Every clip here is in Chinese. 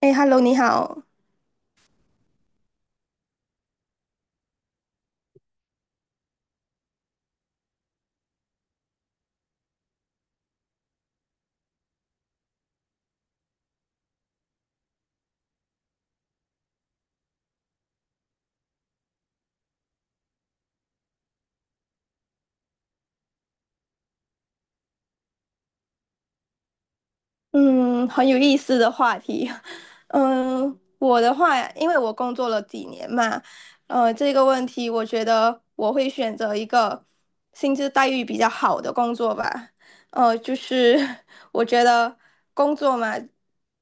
哎，Hello，你好。嗯，很有意思的话题。嗯，我的话，因为我工作了几年嘛，这个问题我觉得我会选择一个薪资待遇比较好的工作吧。呃，就是 我觉得工作嘛，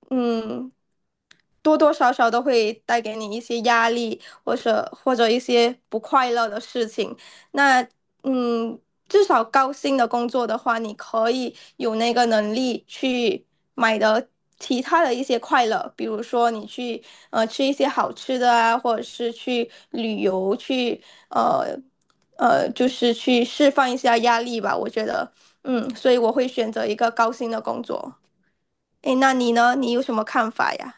嗯。多多少少都会带给你一些压力，或者一些不快乐的事情。那嗯，至少高薪的工作的话，你可以有那个能力去买的其他的一些快乐，比如说你去吃一些好吃的啊，或者是去旅游，去呃就是去释放一下压力吧。我觉得，嗯，所以我会选择一个高薪的工作。诶，那你呢？你有什么看法呀？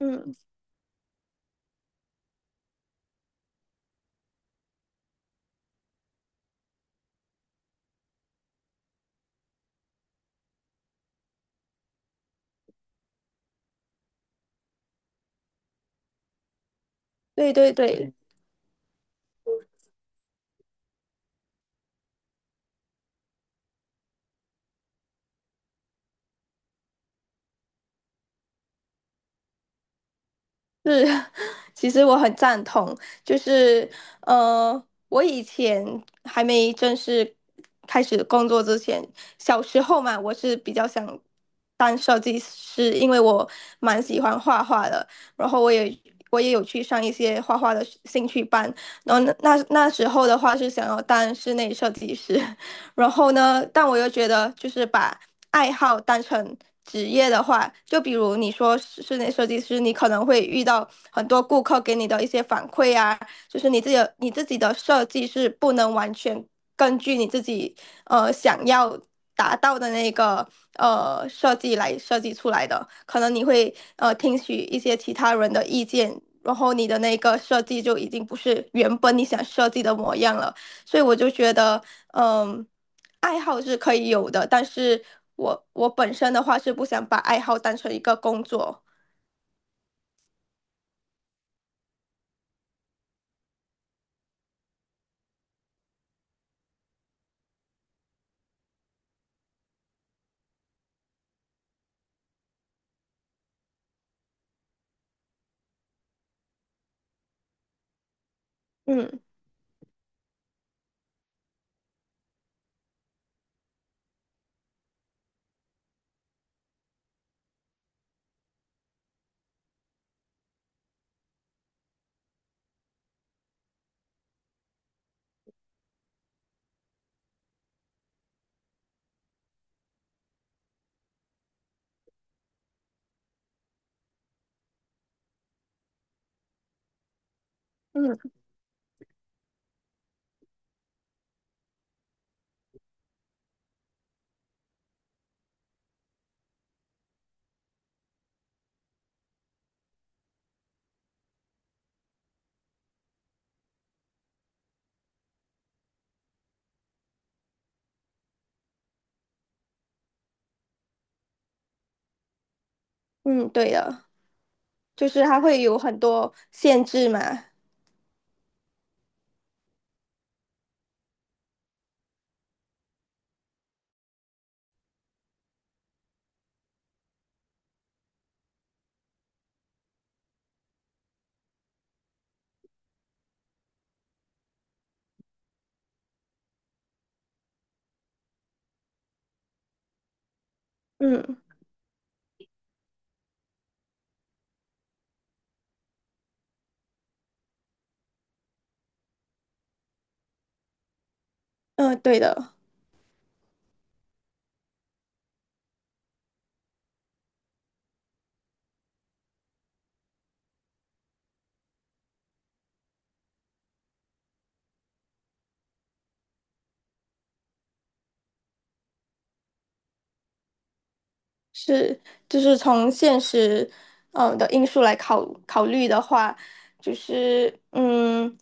嗯。对对对，是，其实我很赞同，就是呃，我以前还没正式开始工作之前，小时候嘛，我是比较想当设计师，因为我蛮喜欢画画的，然后我也有去上一些画画的兴趣班，然后那时候的话是想要当室内设计师，然后呢，但我又觉得，就是把爱好当成职业的话，就比如你说室内设计师，你可能会遇到很多顾客给你的一些反馈啊，就是你自己的设计是不能完全根据你自己想要达到的那个设计来设计出来的，可能你会听取一些其他人的意见。然后你的那个设计就已经不是原本你想设计的模样了，所以我就觉得，嗯，爱好是可以有的，但是我本身的话是不想把爱好当成一个工作。嗯嗯嗯，对的，就是它会有很多限制嘛。嗯嗯，对的，是就是从现实嗯的因素来考虑的话，就是嗯，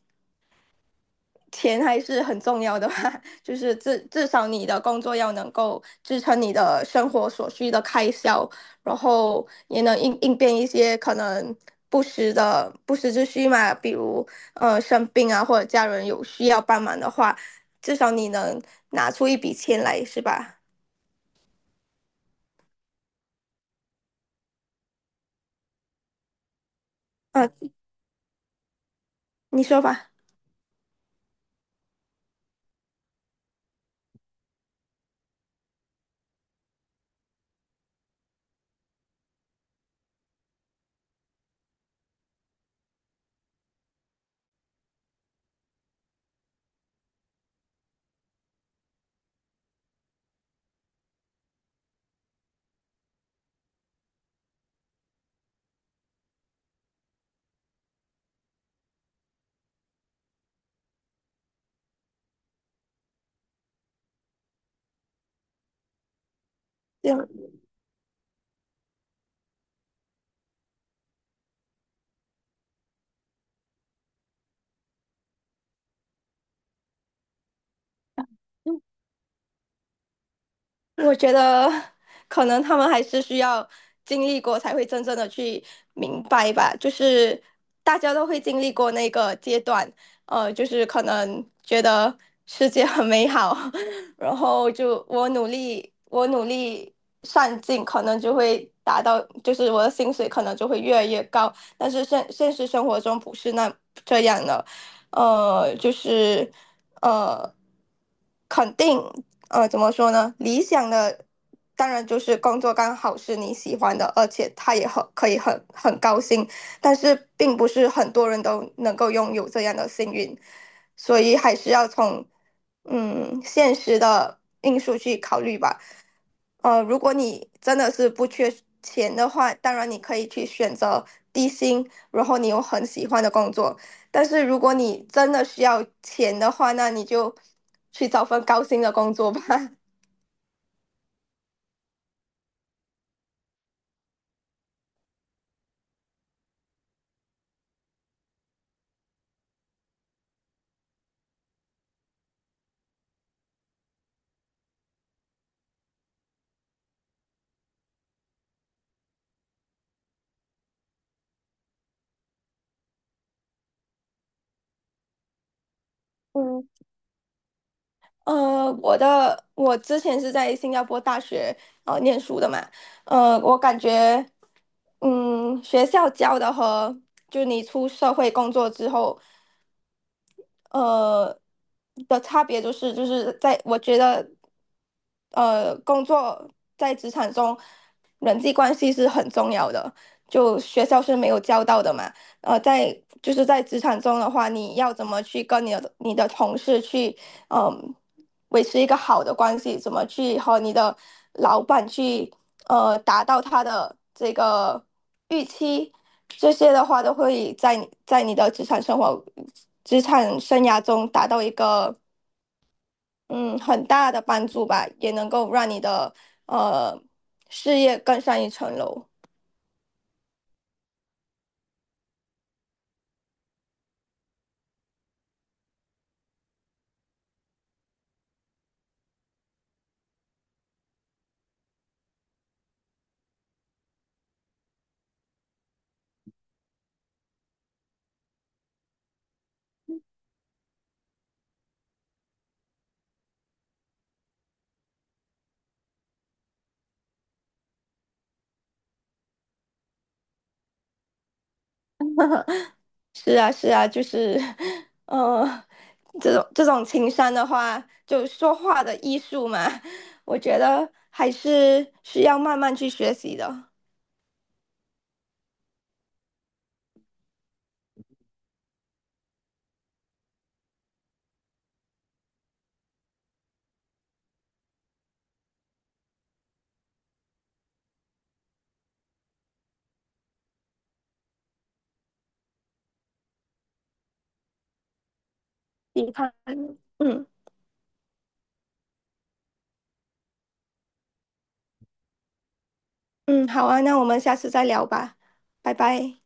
钱还是很重要的吧，就是至少你的工作要能够支撑你的生活所需的开销，然后也能应变一些可能不时之需嘛，比如生病啊，或者家人有需要帮忙的话，至少你能拿出一笔钱来，是吧？呃，你说吧，这样。我觉得可能他们还是需要经历过，才会真正的去明白吧。就是大家都会经历过那个阶段，就是可能觉得世界很美好，然后就我努力，我努力上进，可能就会达到，就是我的薪水可能就会越来越高。但是现实生活中不是那这样的，呃，就是呃，肯定。呃，怎么说呢？理想的当然就是工作刚好是你喜欢的，而且他也很可以很高兴，但是并不是很多人都能够拥有这样的幸运，所以还是要从嗯现实的因素去考虑吧。如果你真的是不缺钱的话，当然你可以去选择低薪，然后你有很喜欢的工作。但是如果你真的需要钱的话，那你就去找份高薪的工作吧。嗯 我之前是在新加坡大学念书的嘛，呃，我感觉，嗯，学校教的和就你出社会工作之后呃的差别就是在我觉得工作在职场中人际关系是很重要的，就学校是没有教到的嘛。呃，在就是在职场中的话，你要怎么去跟你的同事去嗯，维持一个好的关系，怎么去和你的老板去达到他的这个预期，这些的话都会在你的职场生活、职场生涯中达到一个嗯很大的帮助吧，也能够让你的呃事业更上一层楼。是啊，是啊，就是，呃，这种情商的话，就说话的艺术嘛，我觉得还是需要慢慢去学习的。你看，嗯嗯，好啊，那我们下次再聊吧，拜拜。